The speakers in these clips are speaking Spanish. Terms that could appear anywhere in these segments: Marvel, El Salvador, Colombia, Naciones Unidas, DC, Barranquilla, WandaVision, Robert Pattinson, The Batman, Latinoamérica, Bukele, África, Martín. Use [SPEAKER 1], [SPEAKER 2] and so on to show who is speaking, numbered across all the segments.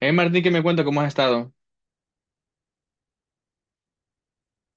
[SPEAKER 1] Martín, que me cuenta cómo has estado.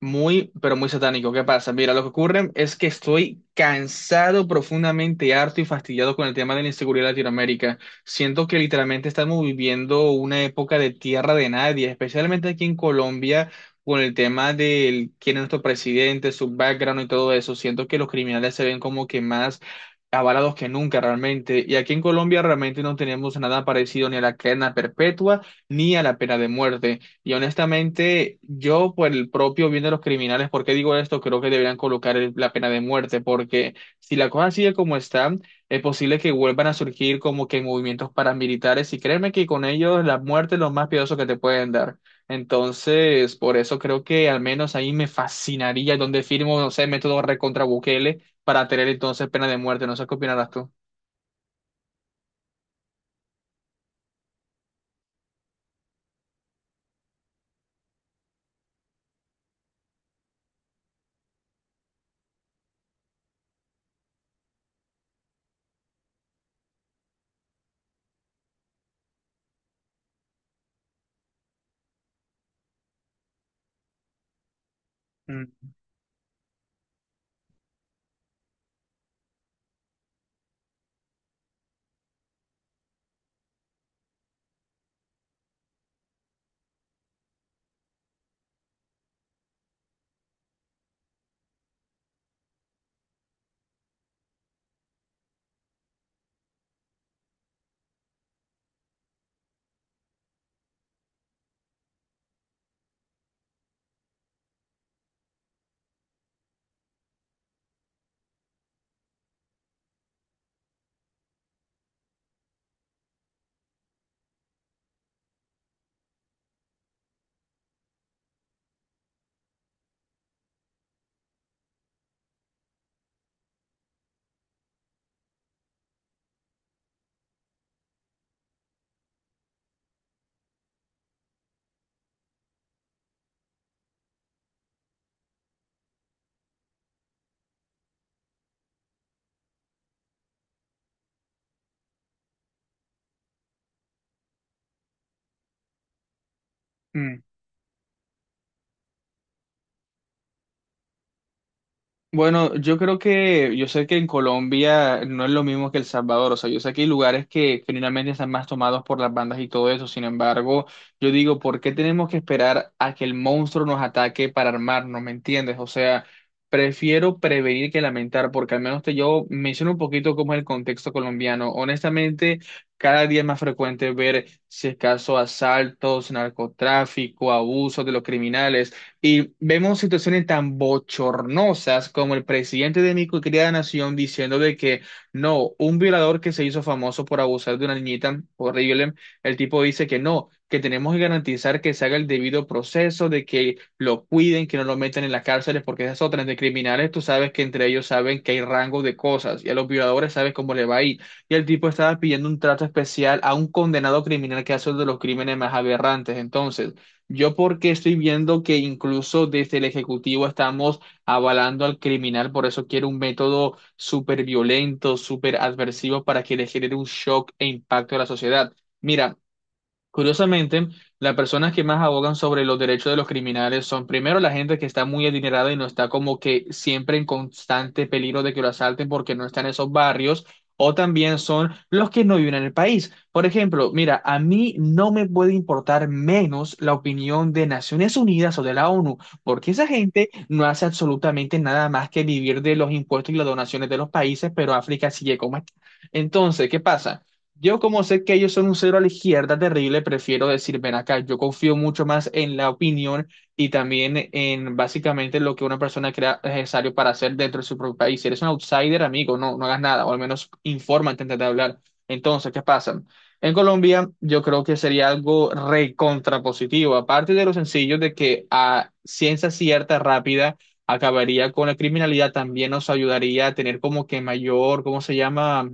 [SPEAKER 1] Muy, pero muy satánico. ¿Qué pasa? Mira, lo que ocurre es que estoy cansado, profundamente harto y fastidiado con el tema de la inseguridad en Latinoamérica. Siento que literalmente estamos viviendo una época de tierra de nadie, especialmente aquí en Colombia, con el tema de quién es nuestro presidente, su background y todo eso. Siento que los criminales se ven como que más avalados que nunca realmente. Y aquí en Colombia realmente no tenemos nada parecido ni a la cadena perpetua ni a la pena de muerte. Y honestamente, yo por el propio bien de los criminales, ¿por qué digo esto? Creo que deberían colocar la pena de muerte, porque si la cosa sigue como está, es posible que vuelvan a surgir como que movimientos paramilitares y créeme que con ellos la muerte es lo más piadoso que te pueden dar. Entonces, por eso creo que al menos ahí me fascinaría donde firmo, no sé, método recontra Bukele para tener entonces pena de muerte. No sé qué opinarás tú. Mm, mm. Bueno, yo creo que, yo sé que en Colombia no es lo mismo que El Salvador, o sea, yo sé que hay lugares que generalmente están más tomados por las bandas y todo eso, sin embargo, yo digo, ¿por qué tenemos que esperar a que el monstruo nos ataque para armarnos? ¿Me entiendes? O sea, prefiero prevenir que lamentar, porque al menos te yo menciono un poquito cómo es el contexto colombiano. Honestamente, cada día es más frecuente ver, si es caso, asaltos, narcotráfico, abusos de los criminales. Y vemos situaciones tan bochornosas como el presidente de mi querida nación diciendo de que no, un violador que se hizo famoso por abusar de una niñita, horrible, el tipo dice que no, que tenemos que garantizar que se haga el debido proceso, de que lo cuiden, que no lo metan en las cárceles, porque esas otras de criminales, tú sabes que entre ellos saben que hay rango de cosas y a los violadores sabes cómo le va a ir. Y el tipo estaba pidiendo un trato especial a un condenado criminal que hace uno de los crímenes más aberrantes. Entonces… Yo porque estoy viendo que incluso desde el Ejecutivo estamos avalando al criminal, por eso quiero un método súper violento, súper adversivo para que le genere un shock e impacto a la sociedad. Mira, curiosamente, las personas que más abogan sobre los derechos de los criminales son primero la gente que está muy adinerada y no está como que siempre en constante peligro de que lo asalten porque no está en esos barrios, o también son los que no viven en el país. Por ejemplo, mira, a mí no me puede importar menos la opinión de Naciones Unidas o de la ONU, porque esa gente no hace absolutamente nada más que vivir de los impuestos y las donaciones de los países, pero África sigue como está. Entonces, ¿qué pasa? Yo como sé que ellos son un cero a la izquierda terrible, prefiero decir, ven acá, yo confío mucho más en la opinión y también en básicamente lo que una persona crea necesario para hacer dentro de su propio país. Si eres un outsider, amigo, no, no hagas nada, o al menos infórmate antes de hablar. Entonces, ¿qué pasa? En Colombia, yo creo que sería algo recontrapositivo, aparte de lo sencillo de que a ciencia cierta, rápida, acabaría con la criminalidad, también nos ayudaría a tener como que mayor, ¿cómo se llama?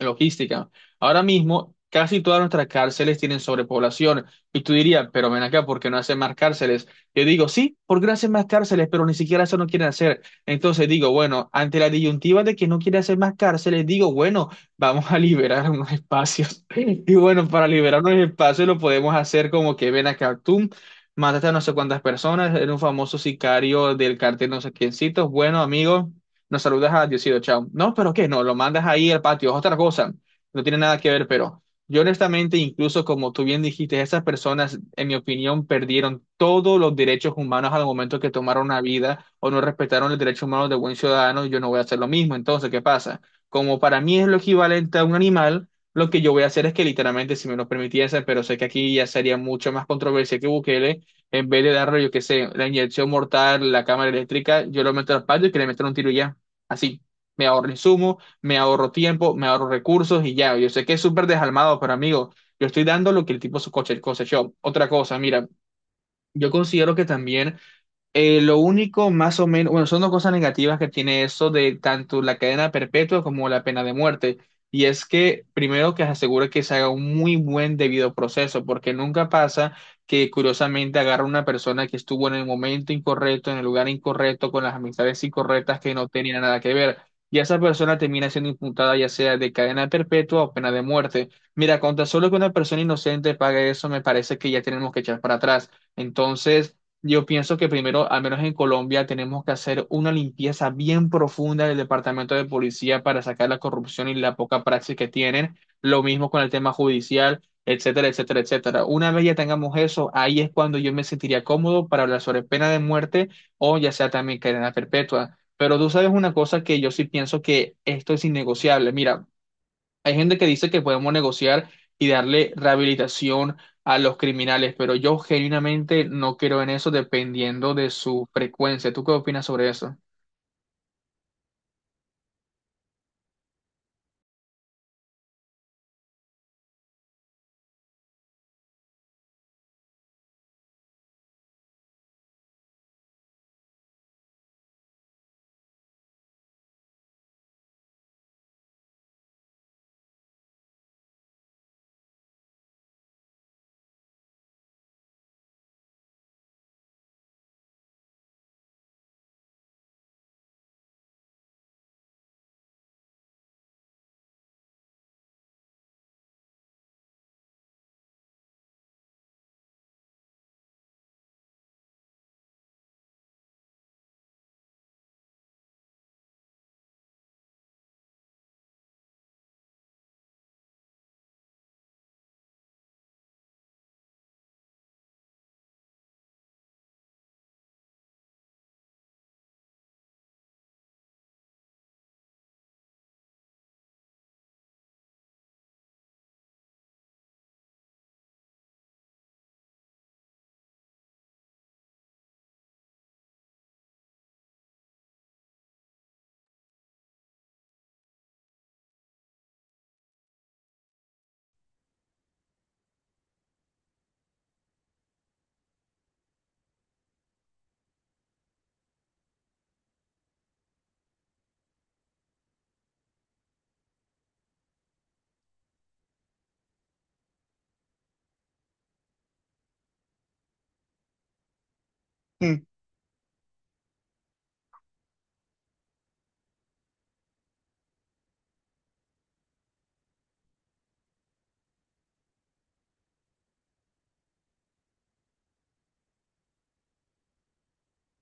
[SPEAKER 1] Logística. Ahora mismo, casi todas nuestras cárceles tienen sobrepoblación. Y tú dirías, pero ven acá, ¿por qué no hacen más cárceles? Yo digo, sí, porque no hacen más cárceles, pero ni siquiera eso no quieren hacer. Entonces digo, bueno, ante la disyuntiva de que no quiere hacer más cárceles, digo, bueno, vamos a liberar unos espacios. Y bueno, para liberar unos espacios lo podemos hacer como que ven acá, tú mataste a no sé cuántas personas, eres un famoso sicario del cartel no sé quiéncitos. Bueno, amigo, nos saludas a Diosito, chao. No, pero ¿qué? No, lo mandas ahí al patio, es otra cosa. No tiene nada que ver, pero yo honestamente, incluso como tú bien dijiste, esas personas, en mi opinión, perdieron todos los derechos humanos al momento que tomaron una vida o no respetaron los derechos humanos de buen ciudadano, yo no voy a hacer lo mismo. Entonces, ¿qué pasa? Como para mí es lo equivalente a un animal, lo que yo voy a hacer es que literalmente, si me lo permitiese, pero sé que aquí ya sería mucho más controversia que Bukele, en vez de darle, yo qué sé, la inyección mortal, la cámara eléctrica, yo lo meto al patio y que le metan un tiro y ya. Así, me ahorro insumos, me ahorro tiempo, me ahorro recursos y ya. Yo sé que es súper desalmado, pero amigo, yo estoy dando lo que el tipo su coche, el cosechó. Otra cosa, mira, yo considero que también lo único más o menos, bueno, son dos cosas negativas que tiene eso de tanto la cadena perpetua como la pena de muerte. Y es que primero que se asegura que se haga un muy buen debido proceso, porque nunca pasa que curiosamente agarra una persona que estuvo en el momento incorrecto, en el lugar incorrecto, con las amistades incorrectas que no tenían nada que ver. Y esa persona termina siendo imputada ya sea de cadena perpetua o pena de muerte. Mira, con tan solo que una persona inocente pague eso, me parece que ya tenemos que echar para atrás. Entonces… Yo pienso que primero, al menos en Colombia, tenemos que hacer una limpieza bien profunda del departamento de policía para sacar la corrupción y la poca praxis que tienen. Lo mismo con el tema judicial, etcétera, etcétera, etcétera. Una vez ya tengamos eso, ahí es cuando yo me sentiría cómodo para hablar sobre pena de muerte o ya sea también cadena perpetua. Pero tú sabes una cosa que yo sí pienso que esto es innegociable. Mira, hay gente que dice que podemos negociar y darle rehabilitación a los criminales, pero yo genuinamente no creo en eso dependiendo de su frecuencia. ¿Tú qué opinas sobre eso? Mm,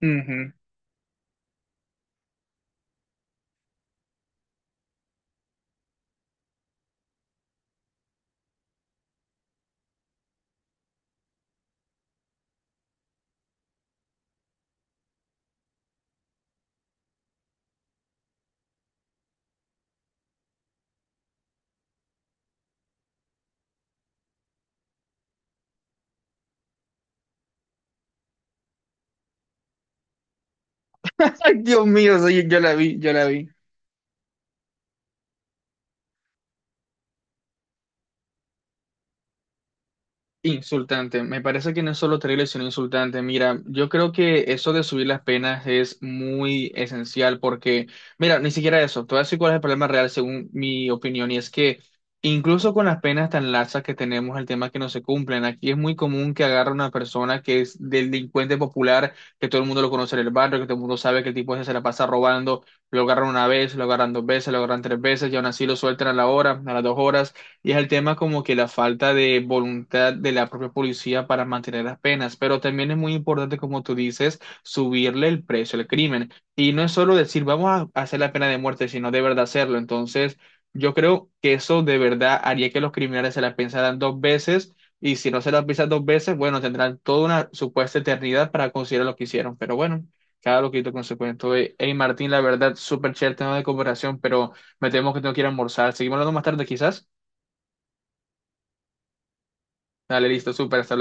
[SPEAKER 1] ujú. Ay, Dios mío, sí, yo la vi, yo la vi. Insultante, me parece que no es solo terrible, sino insultante. Mira, yo creo que eso de subir las penas es muy esencial porque, mira, ni siquiera eso, te voy a decir cuál es el problema real según mi opinión, y es que incluso con las penas tan laxas que tenemos, el tema es que no se cumplen. Aquí es muy común que agarre una persona que es delincuente popular, que todo el mundo lo conoce en el barrio, que todo el mundo sabe que el tipo ese se la pasa robando, lo agarran una vez, lo agarran dos veces, lo agarran tres veces, y aún así lo sueltan a la hora, a las dos horas, y es el tema como que la falta de voluntad de la propia policía para mantener las penas, pero también es muy importante, como tú dices, subirle el precio al crimen. Y no es solo decir, vamos a hacer la pena de muerte, sino de verdad hacerlo. Entonces, yo creo que eso de verdad haría que los criminales se la pensaran dos veces y si no se la piensan dos veces, bueno, tendrán toda una supuesta eternidad para considerar lo que hicieron, pero bueno. Cada loquito con su cuento. Hey, Martín, la verdad, súper chévere el tema de comparación, pero me temo que tengo que ir a almorzar. Seguimos hablando más tarde, quizás. Dale, listo, súper, hasta luego.